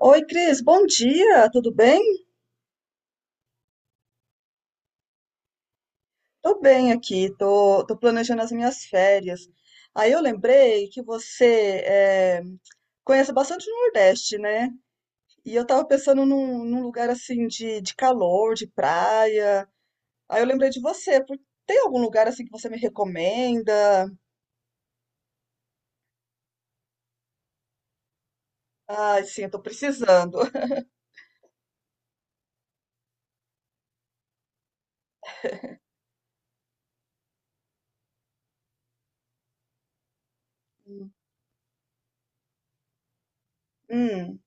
Oi, Cris, bom dia, tudo bem? Tô bem aqui, tô planejando as minhas férias. Aí eu lembrei que você conhece bastante o Nordeste, né? E eu tava pensando num lugar assim de calor, de praia. Aí eu lembrei de você, tem algum lugar assim que você me recomenda? Ai, sim, eu tô precisando. Hum,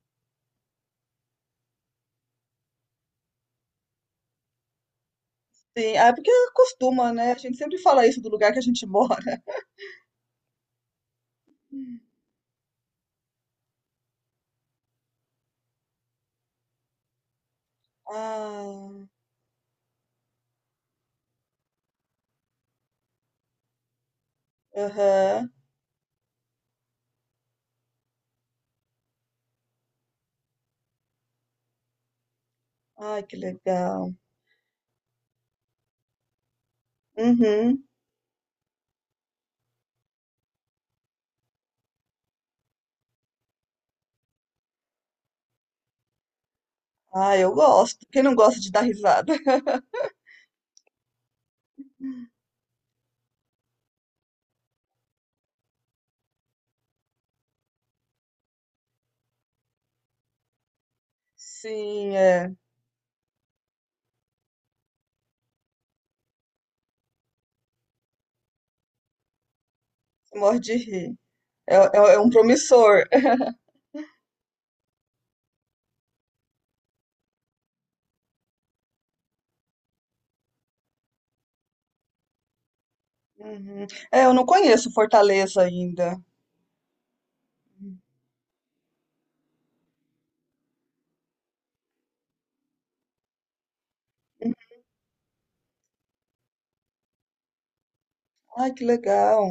sim, ah, é porque costuma, né? A gente sempre fala isso do lugar que a gente mora. Ah, aham. Ai, que legal. Uhum. Ah, eu gosto. Quem não gosta de dar risada? Sim, é. Morre de rir. É um promissor. Uhum. É, eu não conheço Fortaleza ainda. Ai, que legal.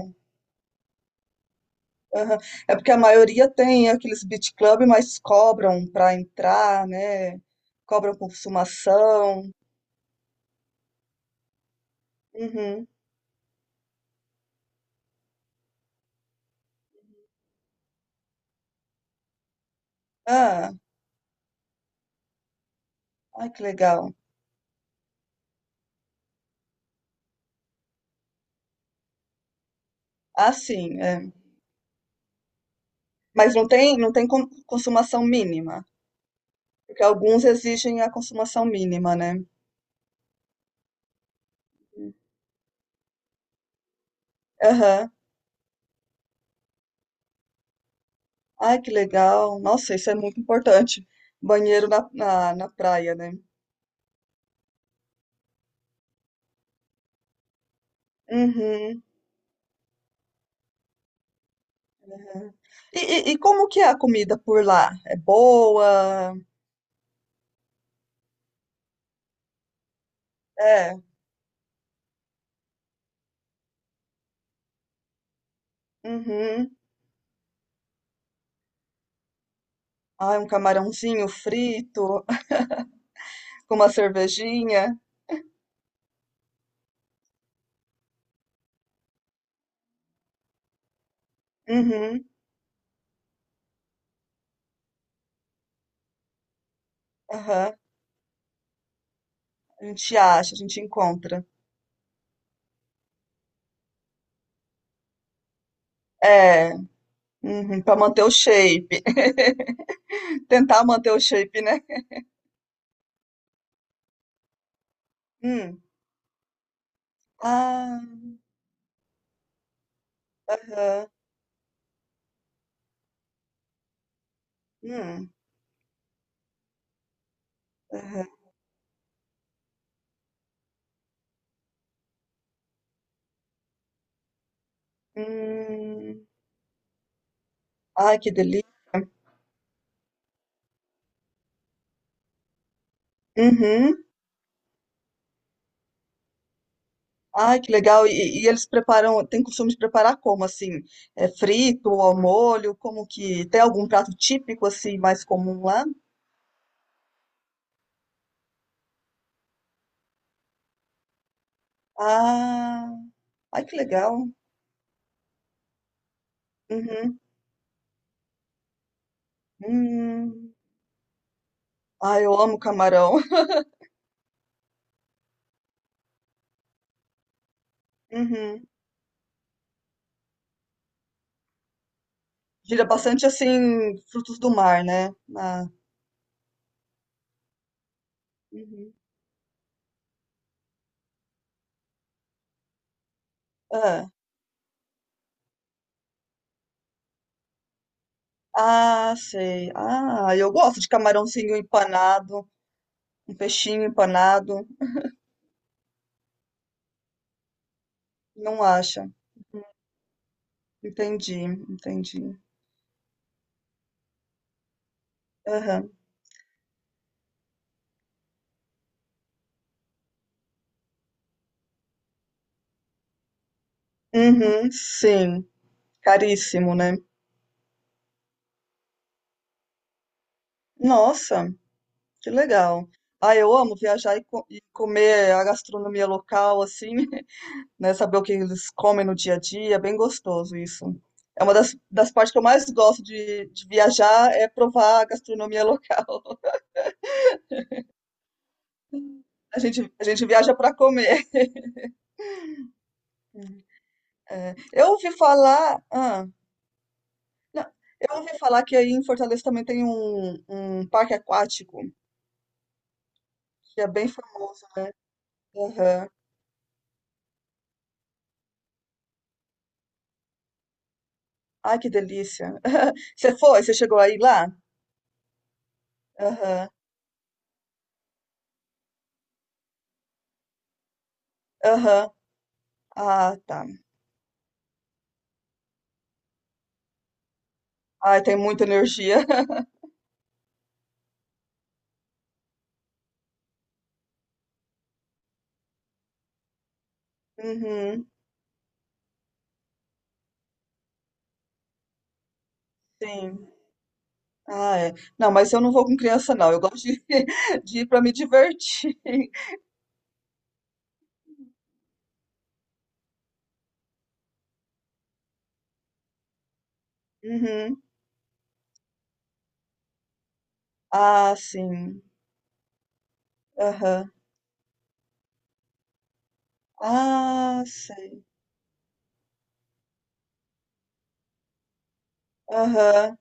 Aham. É porque a maioria tem aqueles beach club, mas cobram para entrar, né? Cobram consumação. Uhum. Ah, ai, que legal. Ah, sim, é. Mas não tem consumação mínima, porque alguns exigem a consumação mínima, né? Aham. Ai, que legal. Nossa, isso é muito importante. Banheiro na praia, né? Uhum. E como que é a comida por lá? É boa? É. Uhum. Ai, um camarãozinho frito, com uma cervejinha. Uhum. Aham. A gente acha, a gente encontra. É. Uhum. Pra manter o shape. Tentar manter o shape, né? Hum. Ah, aham. Hum. Aham. Hum. Ai, que delícia. Uhum. Ai, que legal. E eles preparam, tem costume de preparar como, assim? É frito ou ao molho? Como que, tem algum prato típico, assim, mais comum lá? Ah, ai, que legal. Uhum. Hum. Ai, eu amo camarão. Uhum. Gira bastante, assim, frutos do mar, né? Ah, uhum. Ah, ah, sei. Ah, eu gosto de camarãozinho empanado, um peixinho empanado. Não acha? Entendi, entendi. Aham. Uhum, sim, caríssimo, né? Nossa, que legal. Ah, eu amo viajar e, e comer a gastronomia local, assim, né? Saber o que eles comem no dia a dia, é bem gostoso isso. É uma das partes que eu mais gosto de viajar, é provar a gastronomia local. A gente viaja para comer. É, eu ouvi falar, ah, não, eu ouvi falar que aí em Fortaleza também tem um parque aquático, que é bem famoso, né? Aham. Ai, que delícia. Você foi? Você chegou aí lá? Aham, aham. Ah, tá. Ai, tem muita energia. Uhum, sim. Ah, é. Não, mas eu não vou com criança, não. Eu gosto de, de ir para me divertir. Uhum. Ah, sim. Aham. Ah, sei. Aham.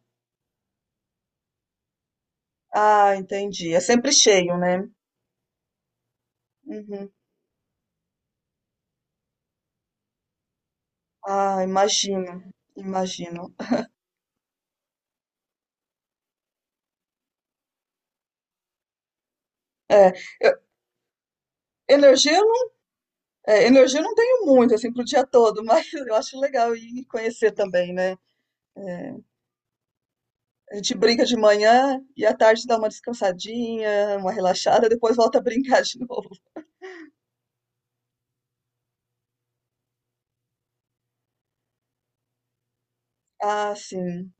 Ah, entendi. É sempre cheio, né? Uhum. Ah, imagino. Imagino. É, eu- energia energia eu não tenho muito, assim, pro dia todo, mas eu acho legal ir conhecer também, né? É, a gente brinca de manhã e à tarde dá uma descansadinha, uma relaxada, depois volta a brincar de novo. Ah, sim.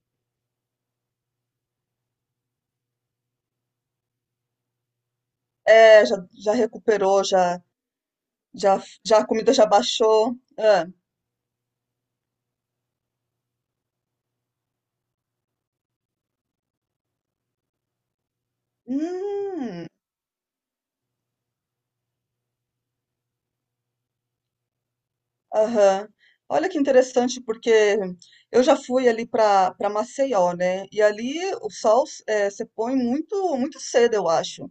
É, já recuperou, já a comida já baixou. Ah, hum, aham. Olha que interessante, porque eu já fui ali para Maceió, né? E ali o sol se põe muito, muito cedo, eu acho.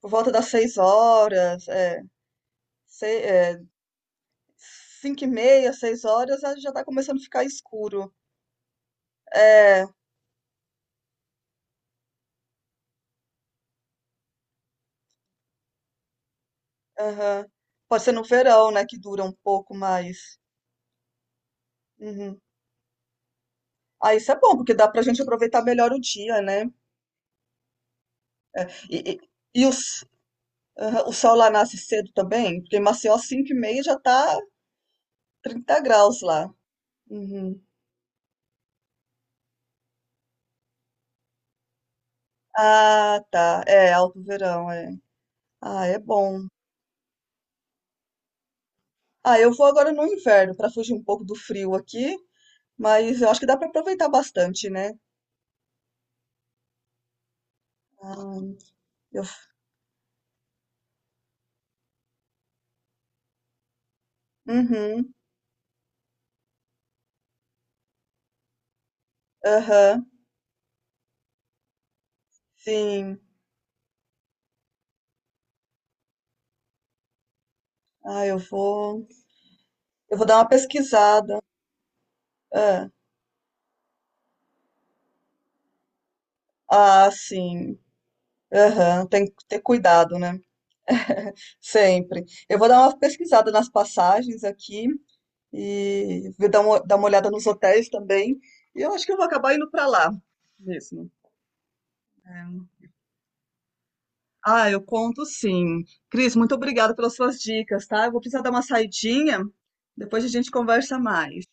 Por volta das 6 horas, é, sei, é, 5h30, 6 horas, ah, já está começando a ficar escuro. É, aham. Pode ser no verão, né, que dura um pouco mais. Uhum. Ah, isso é bom, porque dá pra gente aproveitar melhor o dia, né? E, e, e os, aham, o sol lá nasce cedo também? Porque em Maceió, às 5h30, já tá 30 graus lá. Uhum. Ah, tá. É, alto verão, é. Ah, é bom. Ah, eu vou agora no inverno pra fugir um pouco do frio aqui, mas eu acho que dá pra aproveitar bastante, né? Ah, Eu f uhum, aham, sim. Ah, eu vou dar uma pesquisada. Hã. Ah, sim. Aham, tem que ter cuidado, né. Sempre. Eu vou dar uma pesquisada nas passagens aqui e vou dar uma olhada nos hotéis também, e eu acho que eu vou acabar indo para lá mesmo. É. Ah, eu conto sim. Cris, muito obrigada pelas suas dicas, tá. Eu vou precisar dar uma saidinha, depois a gente conversa mais.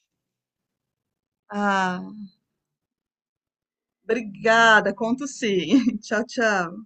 Ah. Obrigada, conto sim. Tchau, tchau.